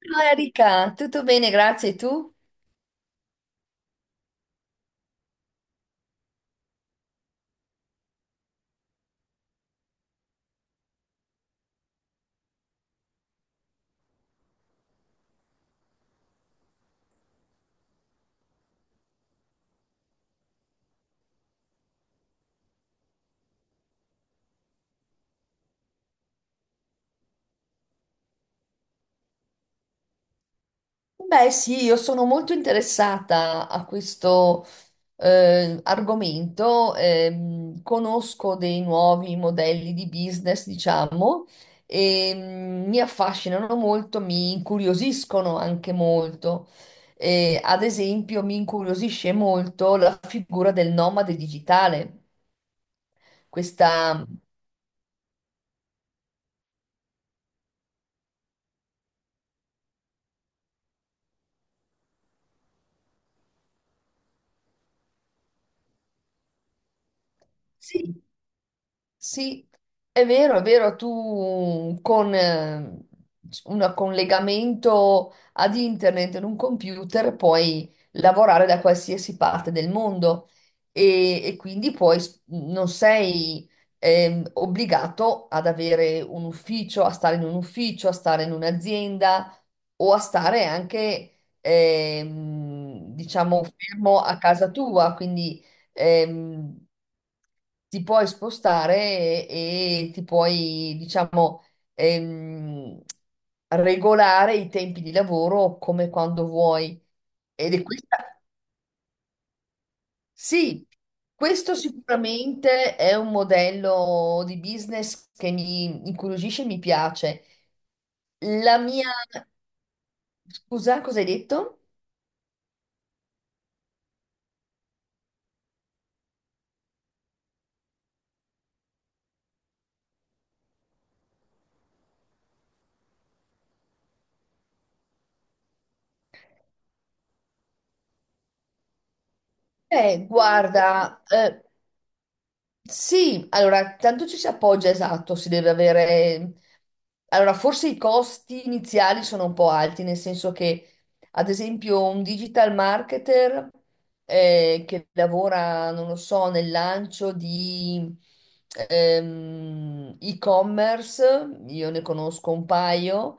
Ciao Erika, tutto bene, grazie. E tu? Beh, sì, io sono molto interessata a questo argomento. Conosco dei nuovi modelli di business, diciamo, e mi affascinano molto, mi incuriosiscono anche molto. Ad esempio, mi incuriosisce molto la figura del nomade digitale. Questa, sì, Sì, è vero, è vero, tu con con un collegamento ad internet in un computer puoi lavorare da qualsiasi parte del mondo e quindi poi non sei obbligato ad avere un ufficio, a stare in un ufficio, a stare in un'azienda o a stare anche, diciamo, fermo a casa tua, quindi ehm, ti puoi spostare e ti puoi, diciamo, ehm, regolare i tempi di lavoro come quando vuoi. Ed è questa, sì, Questo sicuramente è un modello di business che mi incuriosisce e mi piace. La mia, Scusa, cosa hai detto? Eh, guarda, eh, Sì, allora, tanto ci si appoggia, esatto, si deve avere... Allora, forse i costi iniziali sono un po' alti, nel senso che, ad esempio, un digital marketer che lavora, non lo so, nel lancio di e-commerce, io ne conosco un paio,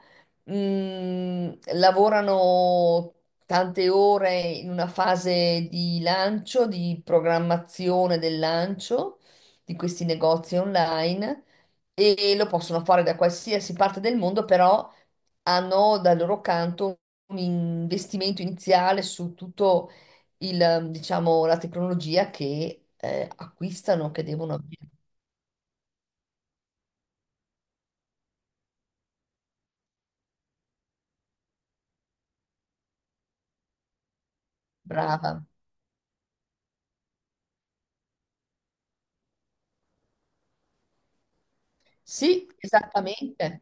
lavorano tante ore in una fase di lancio, di programmazione del lancio di questi negozi online e lo possono fare da qualsiasi parte del mondo, però hanno dal loro canto un investimento iniziale su tutto il, diciamo, la tecnologia che acquistano, che devono avere. Brava. Sì, esattamente.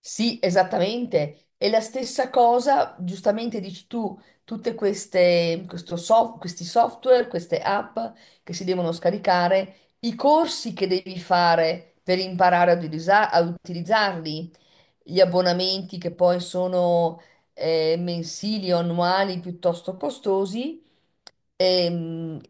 Sì, esattamente. E la stessa cosa, giustamente dici tu, tutte queste, questo questi software, queste app che si devono scaricare, i corsi che devi fare per imparare ad a utilizzarli, gli abbonamenti che poi sono mensili o annuali piuttosto costosi. Ehm,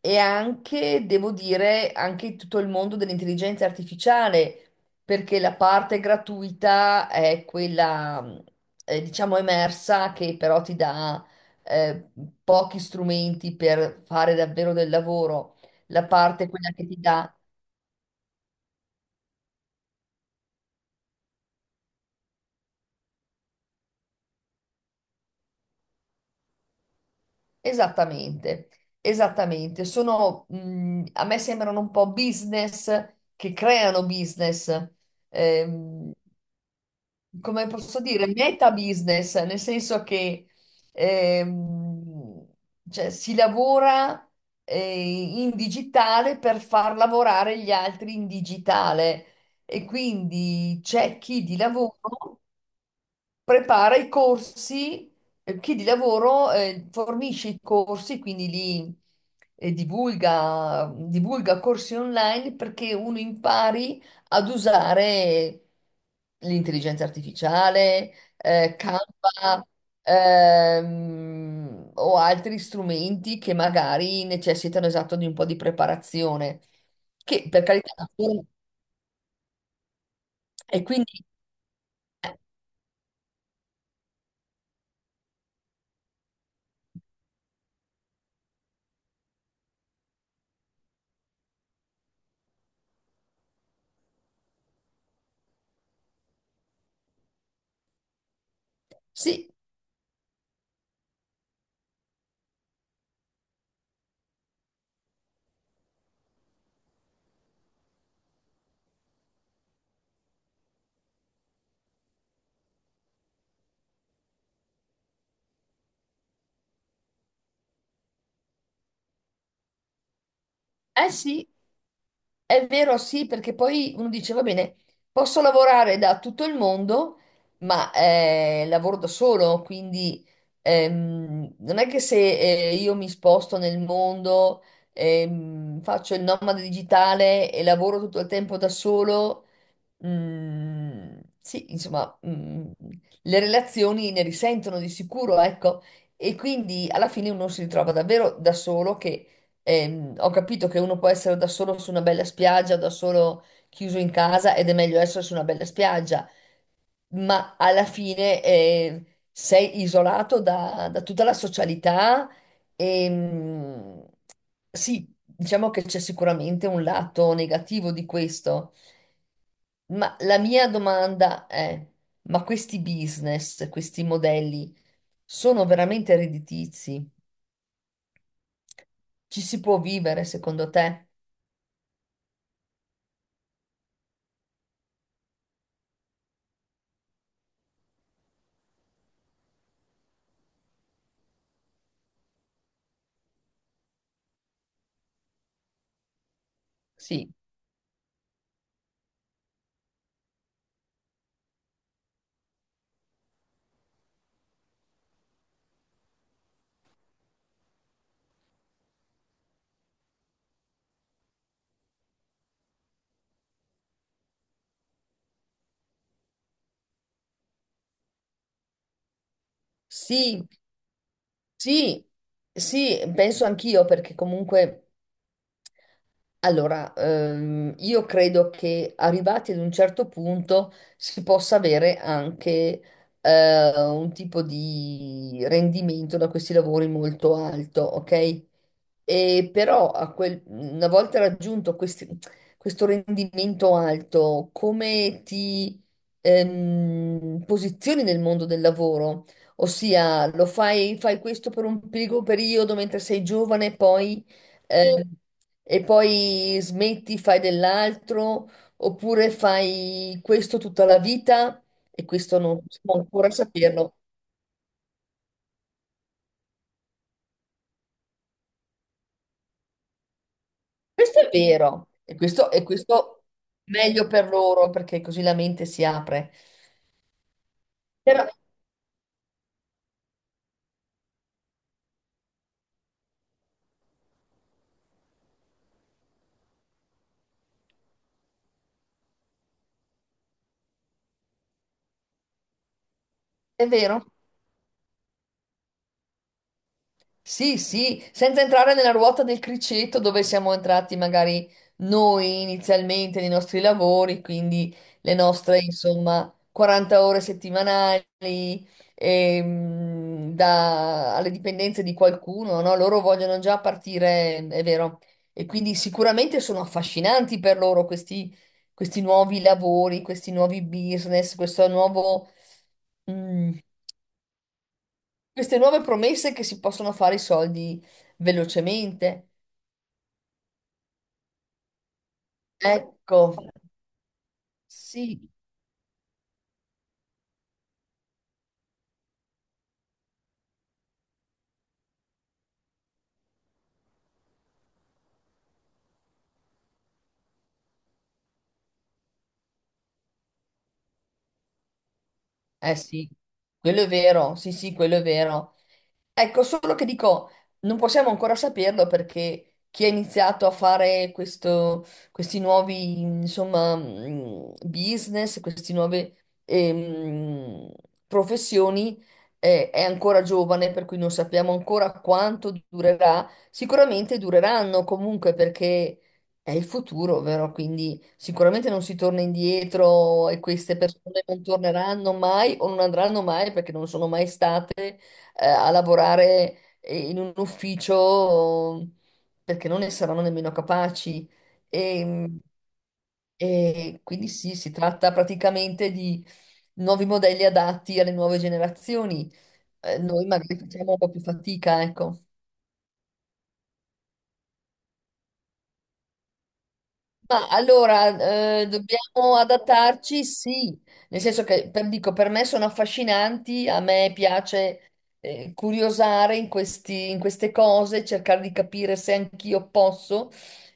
e anche, devo dire, anche tutto il mondo dell'intelligenza artificiale, perché la parte gratuita è quella, diciamo, emersa che però ti dà eh, pochi strumenti per fare davvero del lavoro. La parte quella che ti dà esattamente, esattamente. Sono, a me sembrano un po' business che creano business. Ehm, Come posso dire, meta business, nel senso che ehm, cioè, si lavora in digitale per far lavorare gli altri in digitale e quindi c'è chi di lavoro prepara i corsi, chi di lavoro fornisce i corsi, quindi li divulga, divulga corsi online perché uno impari ad usare l'intelligenza artificiale, Canva, o altri strumenti che magari necessitano esatto di un po' di preparazione, che per carità, e quindi sì, eh sì. È vero, sì, perché poi uno dice, va bene, posso lavorare da tutto il mondo, ma lavoro da solo, quindi non è che se io mi sposto nel mondo, faccio il nomade digitale e lavoro tutto il tempo da solo, sì, insomma, le relazioni ne risentono di sicuro, ecco, e quindi alla fine uno si ritrova davvero da solo, che ho capito che uno può essere da solo su una bella spiaggia, da solo chiuso in casa ed è meglio essere su una bella spiaggia, ma alla fine sei isolato da tutta la socialità e sì, diciamo che c'è sicuramente un lato negativo di questo. Ma la mia domanda è, Ma questi business, questi modelli sono veramente redditizi? Ci si può vivere secondo te? Sì. Sì, sì, sì, penso anch'io perché comunque. Allora, io credo che arrivati ad un certo punto si possa avere anche un tipo di rendimento da questi lavori molto alto, ok? E però a una volta raggiunto questo rendimento alto, come ti posizioni nel mondo del lavoro? Ossia, fai questo per un piccolo periodo mentre sei giovane, poi eh, e poi smetti, fai dell'altro, oppure fai questo tutta la vita e questo non possiamo ancora saperlo. Questo è vero e questo meglio per loro perché così la mente si apre. Però è vero. Sì, sì, senza entrare nella ruota del criceto dove siamo entrati magari noi inizialmente nei nostri lavori, quindi le nostre, insomma, 40 ore settimanali alle dipendenze di qualcuno, no? Loro vogliono già partire, è vero. E quindi sicuramente sono affascinanti per loro questi, questi nuovi lavori, questi nuovi business, questo nuovo... mm, queste nuove promesse che si possono fare i soldi velocemente. Ecco, sì, eh sì, quello è vero, sì, sì, quello è vero. Ecco, solo che dico, non possiamo ancora saperlo perché chi ha iniziato a fare questi nuovi, insomma, business, queste nuove ehm, professioni, è ancora giovane, per cui non sappiamo ancora quanto durerà. Sicuramente dureranno comunque perché è il futuro, vero? Quindi sicuramente non si torna indietro e queste persone non torneranno mai o non andranno mai perché non sono mai state a lavorare in un ufficio perché non ne saranno nemmeno capaci. E, e quindi sì, si tratta praticamente di nuovi modelli adatti alle nuove generazioni. Noi magari facciamo un po' più fatica, ecco. Ma allora, dobbiamo adattarci, sì, nel senso che per, dico, per me sono affascinanti, a me piace curiosare in in queste cose, cercare di capire se anch'io posso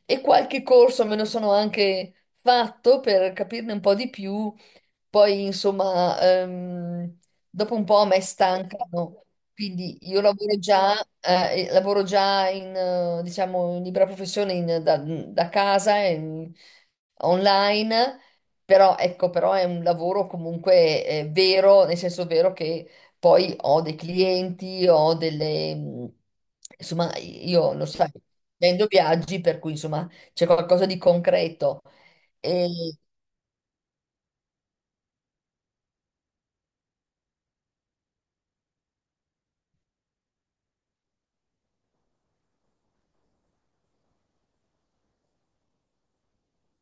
e qualche corso me lo sono anche fatto per capirne un po' di più poi, insomma, dopo un po' a me stancano, quindi io lavoro già, e lavoro già in, diciamo, in libera professione da, da casa, online, però ecco, però è un lavoro comunque vero, nel senso vero che poi ho dei clienti, ho delle... insomma, io lo sai, vendo viaggi, per cui insomma c'è qualcosa di concreto.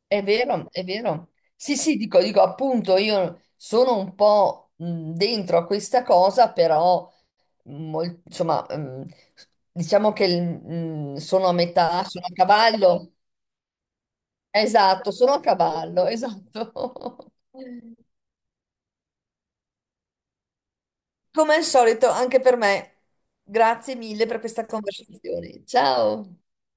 È vero, è vero. Sì, sì, dico, dico appunto, io sono un po' dentro a questa cosa, però insomma, diciamo che sono a metà, sono a cavallo. Esatto, sono a cavallo, esatto. Come al solito, anche per me. Grazie mille per questa conversazione. Ciao.